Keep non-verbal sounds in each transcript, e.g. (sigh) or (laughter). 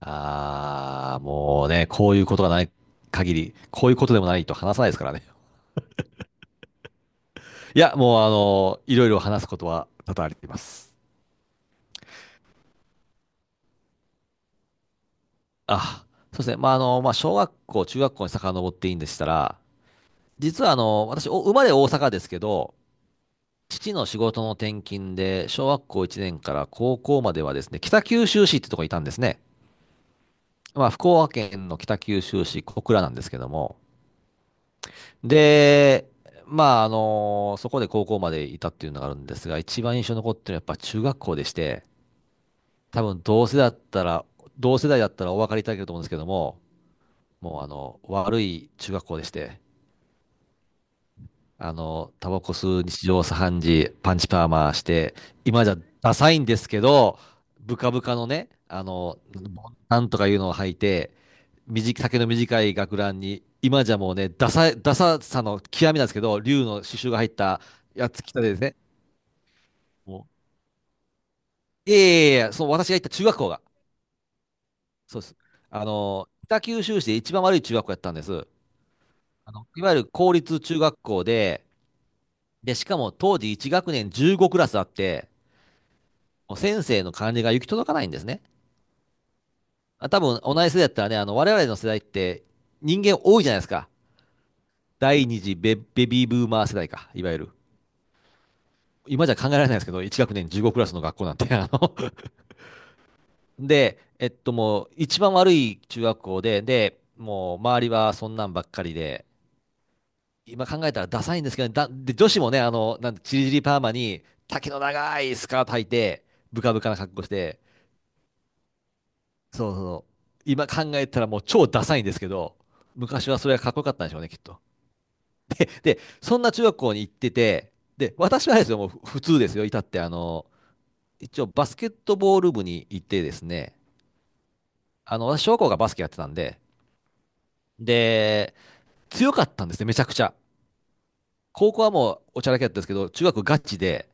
ああ、もうね、こういうことがない限り、こういうことでもないと話さないですからね。(laughs) いや、もういろいろ話すことは多々あります。あ、そうですね。まあ、まあ、小学校、中学校に遡っていいんでしたら、実は私、お生まれ大阪ですけど、父の仕事の転勤で、小学校1年から高校まではですね、北九州市ってとこにいたんですね。まあ、福岡県の北九州市小倉なんですけども、で、まあ、そこで高校までいたっていうのがあるんですが、一番印象に残ってるのはやっぱ中学校でして、多分同世代だったらお分かりいただけると思うんですけども、もう悪い中学校でして、タバコ吸う日常茶飯事、パンチパーマして、今じゃダサいんですけど、ブカブカのね、なんとかいうのを履いて、短い丈の短い学ランに、今じゃもうね、ダサい、ダサさの極みなんですけど、竜の刺繍が入ったやつ着たでですね、もう、いやいやいやいや、その私が行った中学校が、そうです。北九州市で一番悪い中学校やったんです。いわゆる公立中学校で、で、しかも当時1学年15クラスあって、先生の管理が行き届かないんですね。多分同じ世代だったらね、我々の世代って人間多いじゃないですか。第二次ベビーブーマー世代か、いわゆる。今じゃ考えられないですけど、1学年15クラスの学校なんて、(laughs) で、もう一番悪い中学校で、で、もう周りはそんなんばっかりで、今考えたらダサいんですけど、で、女子もね、なんて、チリチリパーマに、丈の長いスカート履いて、ブカブカな格好して、そうそう。今考えたらもう超ダサいんですけど、昔はそれがかっこよかったんでしょうね、きっと。で、そんな中学校に行ってて、で、私はあれですよ、もう普通ですよ、いたって、一応バスケットボール部に行ってですね、私、小学校がバスケやってたんで、で、強かったんですね、めちゃくちゃ。高校はもうおちゃらけだったんですけど、中学ガチで、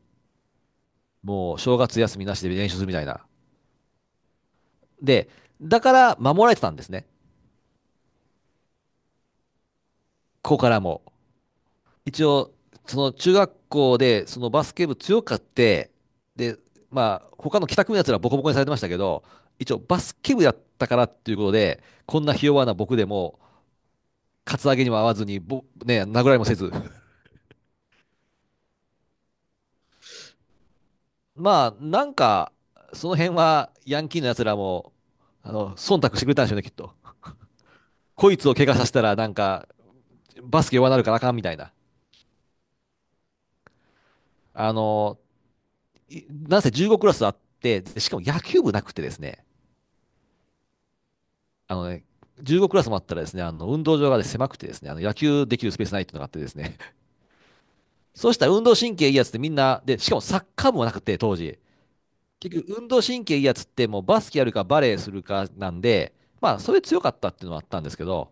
もう正月休みなしで練習するみたいな。で、だから守られてたんですね、ここからも。一応、その中学校でそのバスケ部強かって、で、まあ、他の帰宅部のやつらボコボコにされてましたけど、一応バスケ部やったからっていうことで、こんなひ弱な僕でも、カツアゲにも合わずに、ね、殴られもせず。(laughs) まあ、なんか、その辺はヤンキーのやつらも、忖度してくれたんでしょうね、きっと。こいつを怪我させたら、なんか、バスケ弱なるからあかんみたいな。あの、なんせ15クラスあって、でしかも野球部なくてですね、あのね、15クラスもあったらですね、運動場が、ね、狭くてですね、野球できるスペースないっていうのがあってですね、(laughs) そうしたら運動神経いいやつってみんな、で、しかもサッカー部もなくて、当時。結局、運動神経いいやつってもうバスケやるかバレーするかなんで、まあ、それ強かったっていうのもあったんですけど、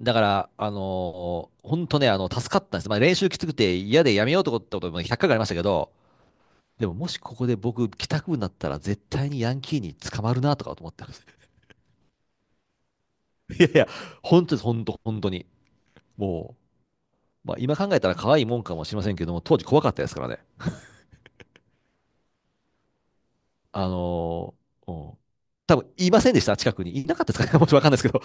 だから、本当ね、助かったんです。まあ、練習きつくて嫌でやめようと思ったことも100回ぐらいありましたけど、でももしここで僕、帰宅部になったら絶対にヤンキーに捕まるなとかと思ってます。(laughs) いやいや、本当です、本当、本当に。もう、まあ、今考えたら可愛いもんかもしれませんけども、当時怖かったですからね。あのうん、多分いませんでした、近くに。いなかったですかね、(laughs) もちろんわかんないですけど。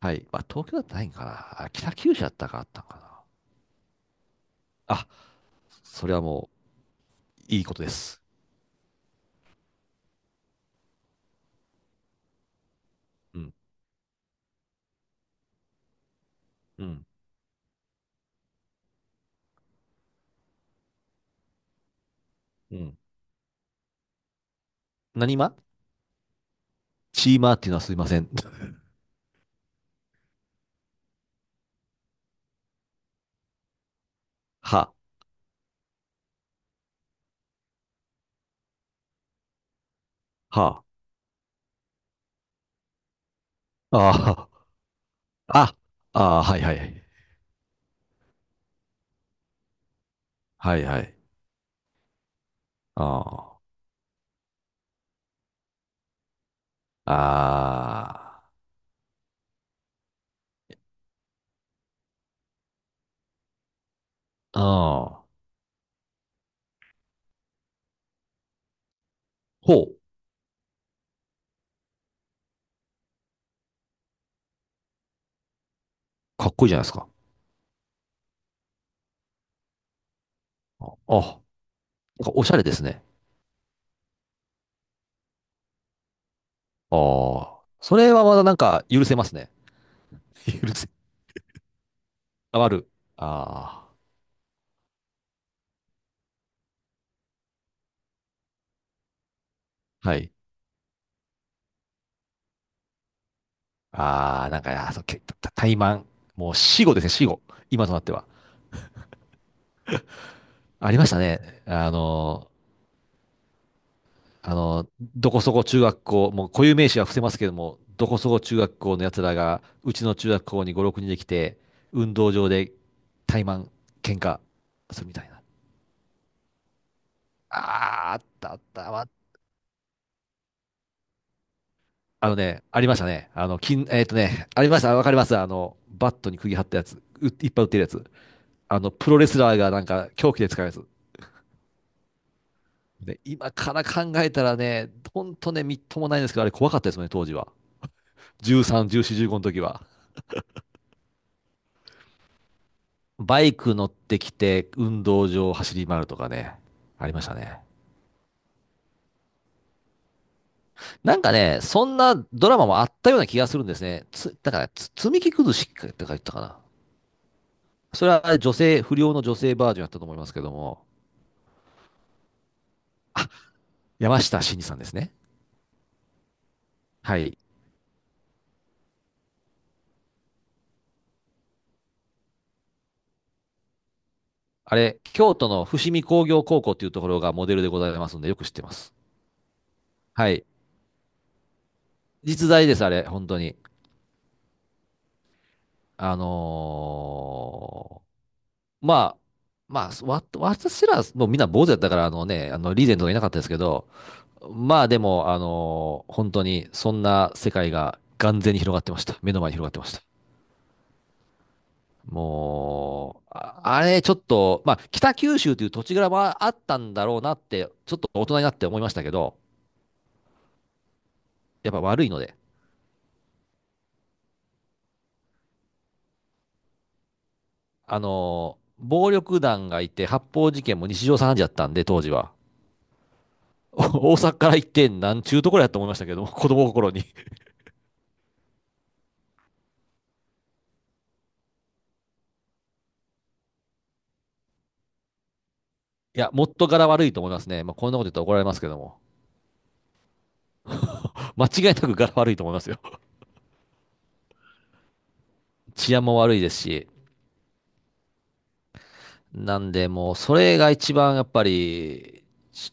はい。まあ、東京だったらないんかな。北九州だったかあったんかな。あ、それはもう、いいことです。うん、うん、うん。何、チーマーっていうのはすいません。(laughs) は、は、あ、あ、あ、はいはいはい。はいはい。ああ、ああ、ああ、ほう、かっこいいじゃないですか。ああ、おしゃれですね。ああ。それはまだなんか許せますね。(laughs) 許せ。あわる。ああ。はい。ああ、なんか、あーそう、怠慢。もう死後ですね、死後。今となっては。ありましたね。あのどこそこ中学校、もう固有名詞は伏せますけども、どこそこ中学校の奴らが、うちの中学校に五六人で来て、運動場で怠慢、喧嘩するみたいな。ああ、あったあった。まあありましたね。ありました。わかります。バットに釘張ったやつ。いっぱい売ってるやつ。プロレスラーがなんか凶器で使うやつ。で、今から考えたらね、ほんとね、みっともないんですけど、あれ怖かったですね、当時は。13、14、15の時は。バイク乗ってきて、運動場を走り回るとかね、ありましたね。なんかね、そんなドラマもあったような気がするんですね。だから、積み木崩しってか言ったかな。それは女性、不良の女性バージョンやったと思いますけども、山下真司さんですね。はい。あれ、京都の伏見工業高校っていうところがモデルでございますので、よく知ってます。はい。実在です、あれ、本当に。あのーまあ、私ら、もうみんな坊主だったから、あのね、リーゼントがいなかったですけど、まあでも、本当に、そんな世界が眼前に広がってました。目の前に広がってました。もう、あれ、ちょっと、まあ、北九州という土地柄はあったんだろうなって、ちょっと大人になって思いましたけど、やっぱ悪いので、暴力団がいて、発砲事件も日常茶飯事だったんで、当時は。(laughs) 大阪から行って、なんちゅうところやと思いましたけども、子供心に。(laughs) いや、もっと柄悪いと思いますね。まあ、こんなこと言ったら怒られますけども。間違いなく柄悪いと思いますよ。(laughs) 治安も悪いですし。なんで、もう、それが一番やっぱり、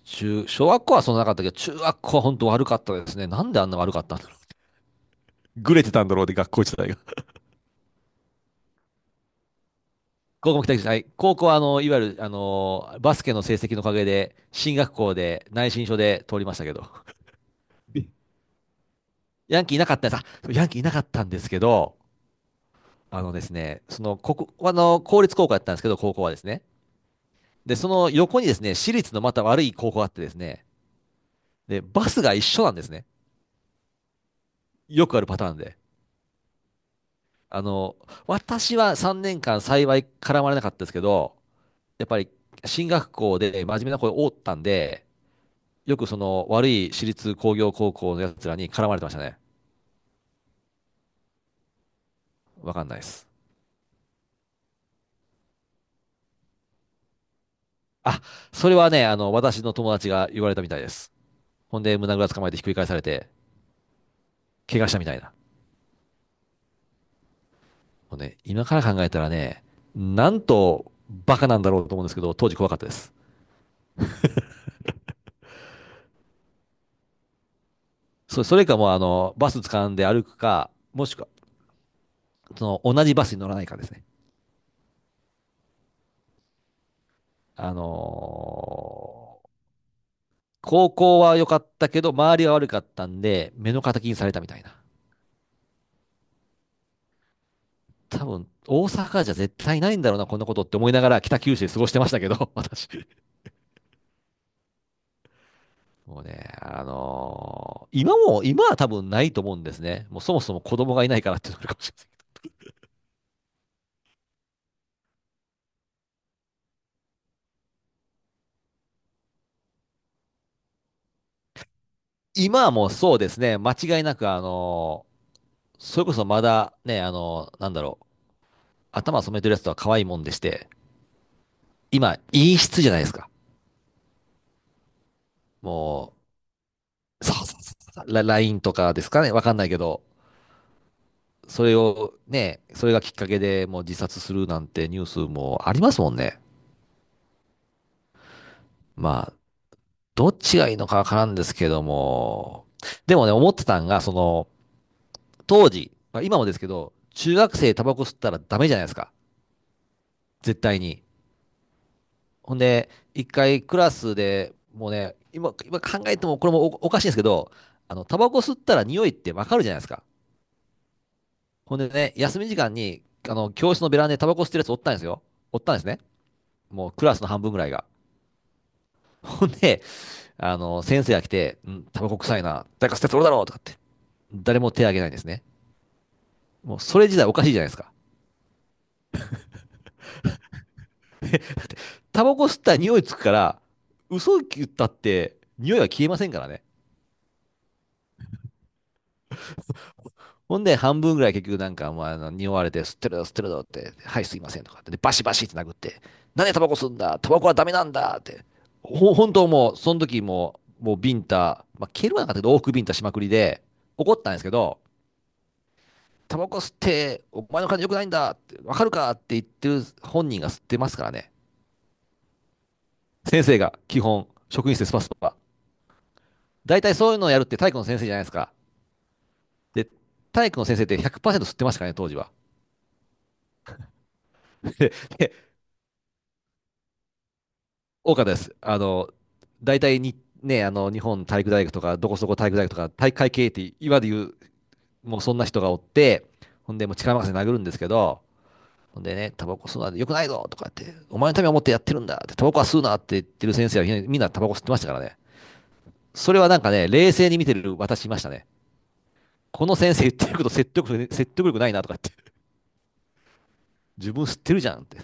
小学校はそんななかったけど、中学校は本当悪かったですね。なんであんな悪かったんだろう。ぐれてたんだろうで、学校時代が。高校も期待して、はい。高校は、いわゆる、バスケの成績のおかげで、進学校で内申書で通りましたけど、ヤンキーいなかったんです。ヤンキーいなかったんですけど、あのですね、その、ここ、あの、公立高校だったんですけど、高校はですね。で、その横にですね、私立のまた悪い高校があってですね、で、バスが一緒なんですね。よくあるパターンで。あの、私は3年間幸い絡まれなかったですけど、やっぱり進学校で真面目な子が多かったんで、よくその悪い私立工業高校のやつらに絡まれてましたね。わかんないです。あ、それはね、私の友達が言われたみたいです。ほんで、胸ぐらつかまえてひっくり返されて、怪我したみたいな。もうね、今から考えたらね、なんとバカなんだろうと思うんですけど、当時怖かったです。それかもうあの、バス掴んで歩くか、もしくは、その、同じバスに乗らないかですね。あのー高校は良かったけど、周りが悪かったんで、目の敵にされたみたいな。多分、大阪じゃ絶対ないんだろうな、こんなことって思いながら北九州で過ごしてましたけど、(laughs) 私。もうね、今も、今は多分ないと思うんですね。もうそもそも子供がいないからっていうのがあるかもしれませんけど。今はもうそうですね、間違いなく、それこそまだね、頭染めてるやつとは可愛いもんでして、今、陰湿じゃないですか。もう、そうそうそうそう、LINE とかですかね、わかんないけど、それをね、それがきっかけでもう自殺するなんてニュースもありますもんね。まあ、どっちがいいのかわからんですけども、でもね、思ってたんが、その、当時、まあ、今もですけど、中学生タバコ吸ったらダメじゃないですか。絶対に。ほんで、一回クラスでもうね、今考えてもこれもお、おかしいんですけど、あの、タバコ吸ったら匂いってわかるじゃないですか。ほんでね、休み時間に、あの、教室のベランダでタバコ吸ってるやつおったんですよ。おったんですね。もうクラスの半分ぐらいが。ほんで、あの、先生が来て、うん、タバコ臭いな、誰か吸ったやつおるだろうとかって、誰も手挙げないんですね。もうそれ自体おかしいじゃないですか。タバコ吸ったら匂いつくから、嘘言ったって匂いは消えませんからね。ほんで、半分ぐらい結局なんか、まあ、あの匂われて、吸ってるぞ、吸ってるぞって、はい、すいませんとかって、で、バシバシって殴って、なんでタバコ吸うんだタバコはダメなんだって。本当もう、その時もう、もうビンタ、まあ、蹴るはなかったけど、往復ビンタしまくりで、怒ったんですけど、タバコ吸って、お前の感じ良くないんだって、わかるかって言ってる本人が吸ってますからね。先生が、基本、職員室でスパスパ大体そういうのをやるって体育の先生じゃないですか。で、体育の先生って100%吸ってましたからね、当時は。(laughs) で、多かったです。あの、大体に、ね、あの、日本体育大学とか、どこそこ体育大学とか、体育会系って今で言う、もうそんな人がおって、ほんで、もう力任せに殴るんですけど、ほんでね、タバコ吸うのは良くないぞとかって、お前のためを思ってやってるんだって、タバコは吸うなって言ってる先生はみんなみんなタバコ吸ってましたからね。それはなんかね、冷静に見てる私いましたね。この先生言ってること説得力ないなとかって、自分吸ってるじゃんって。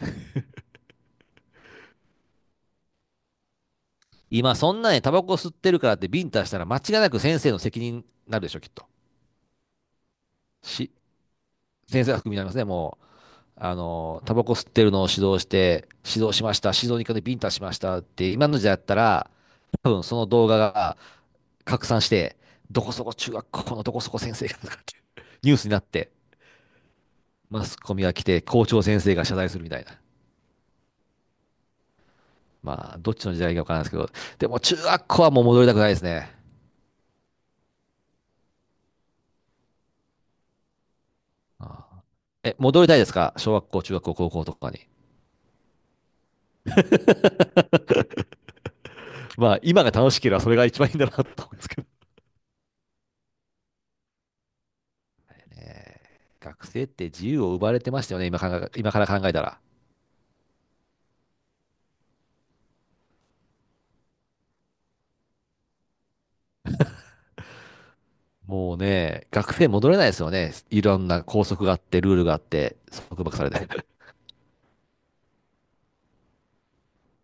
今そんなにタバコ吸ってるからってビンタしたら間違いなく先生の責任になるでしょ、きっと。し、先生が含みになりますね、もう。あの、タバコ吸ってるのを指導して、指導しました、指導に行かでビンタしましたって、今の時代だったら、多分その動画が拡散して、どこそこ中学校のどこそこ先生がとかっていうニュースになって、マスコミが来て校長先生が謝罪するみたいな。まあ、どっちの時代かわからないですけど、でも中学校はもう戻りたくないですね。ああえ、戻りたいですか小学校、中学校、高校とかに。まあ、今が楽しければそれが一番いいんだなと思うんですけど。学生って自由を奪われてましたよね、今から考えたら。もうね、学生戻れないですよね。いろんな拘束があって、ルールがあって、束縛されて。